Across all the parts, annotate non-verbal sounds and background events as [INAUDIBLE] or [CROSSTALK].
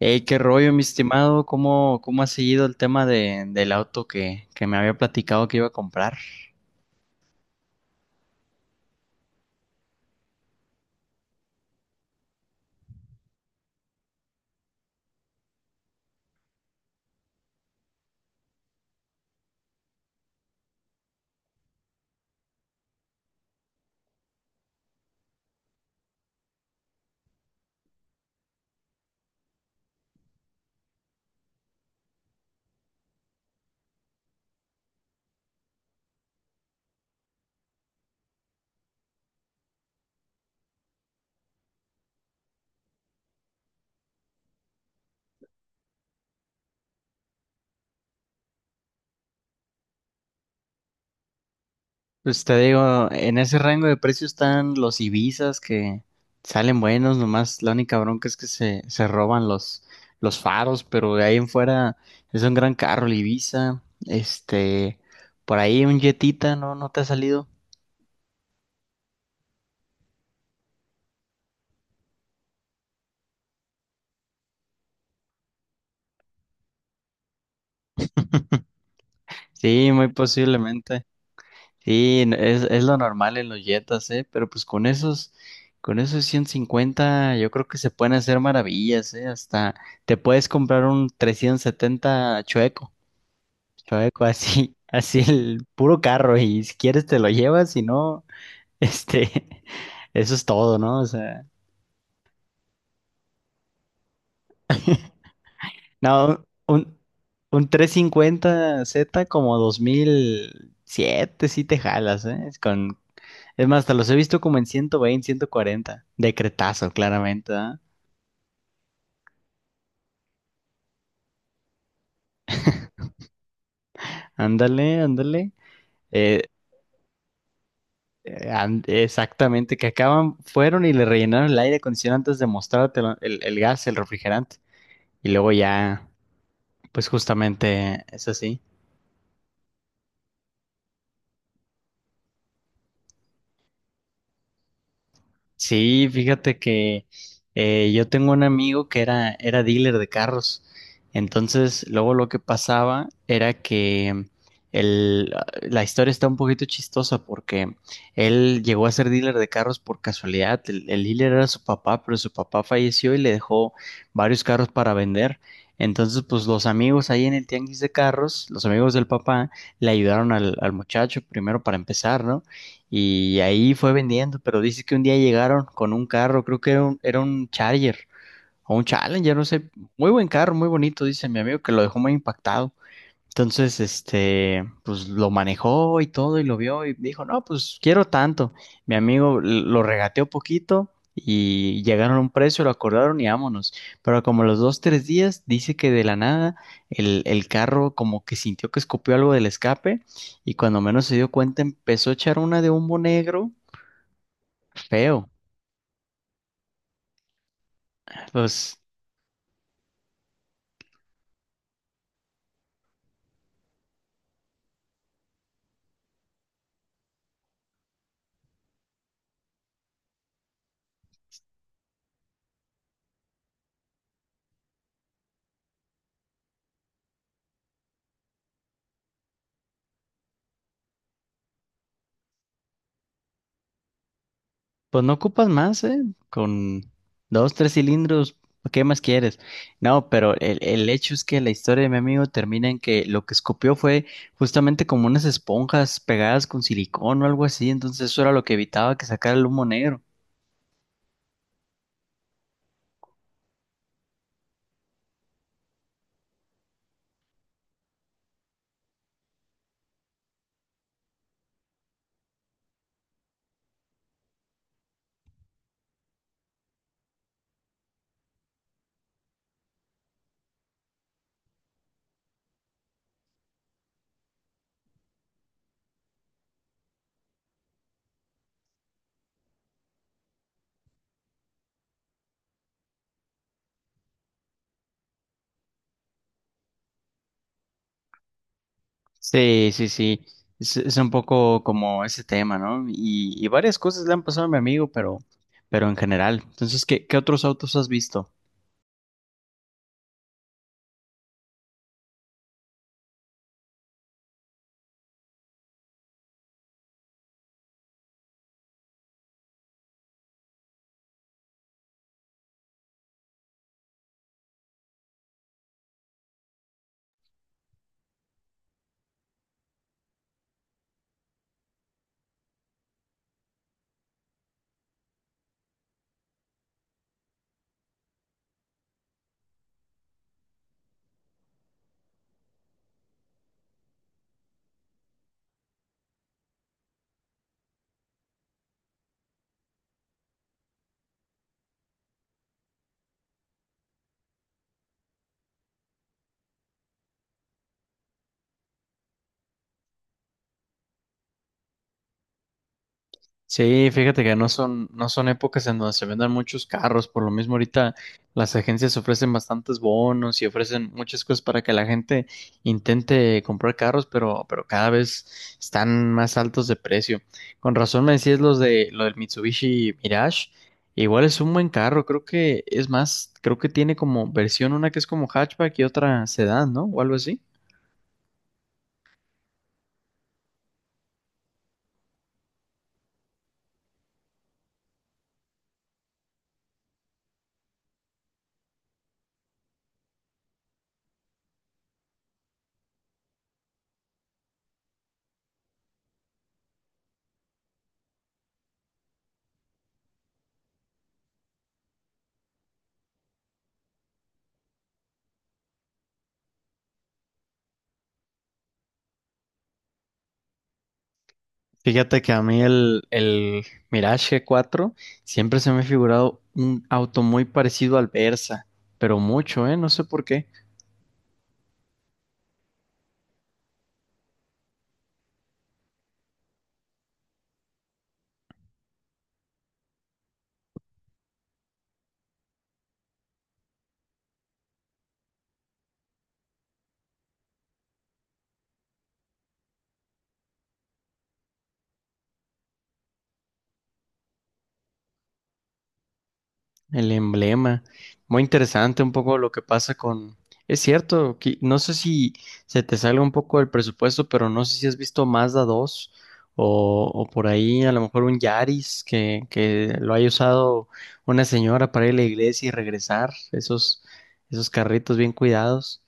Hey, qué rollo, mi estimado. ¿Cómo ha seguido el tema del auto que me había platicado que iba a comprar? Pues te digo, en ese rango de precio están los Ibizas que salen buenos, nomás la única bronca es que se roban los faros, pero de ahí en fuera es un gran carro el Ibiza. Este, por ahí un Jetita, ¿no? ¿No te ha salido? Sí, muy posiblemente. Sí, es lo normal en los Jetas, ¿eh? Pero pues con esos 150 yo creo que se pueden hacer maravillas, ¿eh? Hasta te puedes comprar un 370 chueco, chueco así, [LAUGHS] así el puro carro y si quieres te lo llevas, si no, este, [LAUGHS] eso es todo, ¿no? O sea, no, un 350Z como 2007 sí te jalas, ¿eh? Es más, hasta los he visto como en 120 140 Decretazo, claramente. ¿Ah? Ándale, ándale. Eh, Exactamente, que acaban, fueron y le rellenaron el aire acondicionado antes de mostrarte el gas, el refrigerante. Y luego ya, pues justamente es así. Sí, fíjate que yo tengo un amigo que era dealer de carros. Entonces, luego lo que pasaba era que el, la historia está un poquito chistosa porque él llegó a ser dealer de carros por casualidad. El dealer era su papá, pero su papá falleció y le dejó varios carros para vender. Entonces, pues los amigos ahí en el tianguis de carros, los amigos del papá, le ayudaron al muchacho primero para empezar, ¿no? Y ahí fue vendiendo, pero dice que un día llegaron con un carro, creo que era era un Charger o un Challenger, no sé, muy buen carro, muy bonito, dice mi amigo que lo dejó muy impactado. Entonces, este, pues lo manejó y todo y lo vio y dijo, no, pues quiero tanto. Mi amigo lo regateó poquito y llegaron a un precio, lo acordaron y vámonos. Pero como los dos, tres días, dice que de la nada el carro como que sintió que escupió algo del escape y cuando menos se dio cuenta empezó a echar una de humo negro feo. Pues Pues no ocupas más, ¿eh? Con dos, tres cilindros, ¿qué más quieres? No, pero el hecho es que la historia de mi amigo termina en que lo que escupió fue justamente como unas esponjas pegadas con silicón o algo así, entonces eso era lo que evitaba que sacara el humo negro. Sí, sí, sí, es un poco como ese tema, ¿no? Y varias cosas le han pasado a mi amigo, pero en general. Entonces, ¿qué otros autos has visto? Sí, fíjate que no son, no son épocas en donde se vendan muchos carros, por lo mismo ahorita las agencias ofrecen bastantes bonos y ofrecen muchas cosas para que la gente intente comprar carros, pero cada vez están más altos de precio. Con razón me decías los de lo del Mitsubishi Mirage, igual es un buen carro, creo que es más, creo que tiene como versión una que es como hatchback y otra sedán, ¿no? O algo así. Fíjate que a mí el Mirage 4 siempre se me ha figurado un auto muy parecido al Versa, pero mucho, ¿eh? No sé por qué. El emblema. Muy interesante un poco lo que pasa con... Es cierto, no sé si se te salga un poco el presupuesto, pero no sé si has visto Mazda dos o por ahí a lo mejor un Yaris que lo haya usado una señora para ir a la iglesia y regresar. Esos, esos carritos bien cuidados.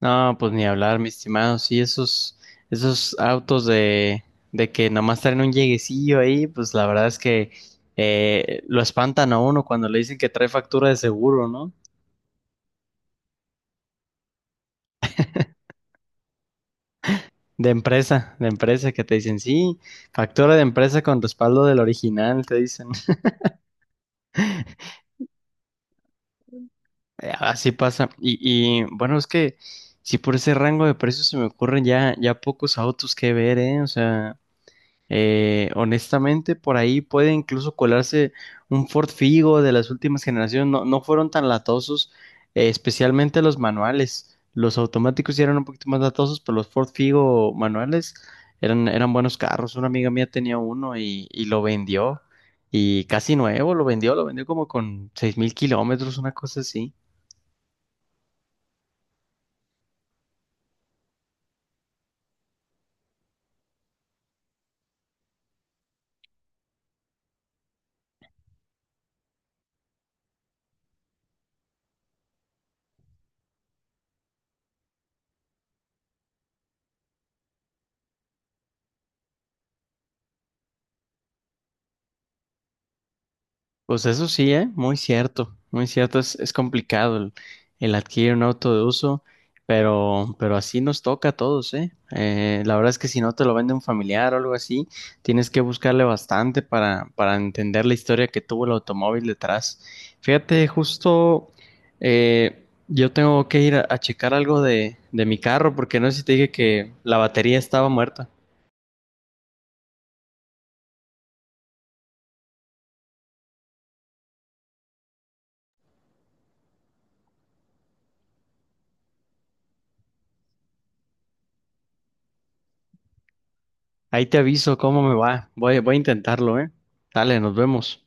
No, pues ni hablar, mi estimado. Sí, esos, esos autos de que nomás traen un lleguecillo ahí, pues la verdad es que lo espantan a uno cuando le dicen que trae factura de seguro, ¿no? De empresa, que te dicen, sí, factura de empresa con respaldo del original, te dicen. [LAUGHS] Así pasa. Y bueno, es que si por ese rango de precios se me ocurren ya, ya pocos autos que ver, ¿eh? O sea, honestamente, por ahí puede incluso colarse un Ford Figo de las últimas generaciones. No, no fueron tan latosos, especialmente los manuales. Los automáticos sí eran un poquito más latosos, pero los Ford Figo manuales eran, eran buenos carros. Una amiga mía tenía uno y lo vendió. Y casi nuevo, lo vendió como con 6.000 km, una cosa así. Pues eso sí, ¿eh? Muy cierto, muy cierto. Es complicado el adquirir un auto de uso, pero así nos toca a todos, ¿eh? La verdad es que si no te lo vende un familiar o algo así, tienes que buscarle bastante para entender la historia que tuvo el automóvil detrás. Fíjate, justo yo tengo que ir a checar algo de mi carro, porque no sé si te dije que la batería estaba muerta. Ahí te aviso cómo me va. Voy, voy a intentarlo, ¿eh? Dale, nos vemos.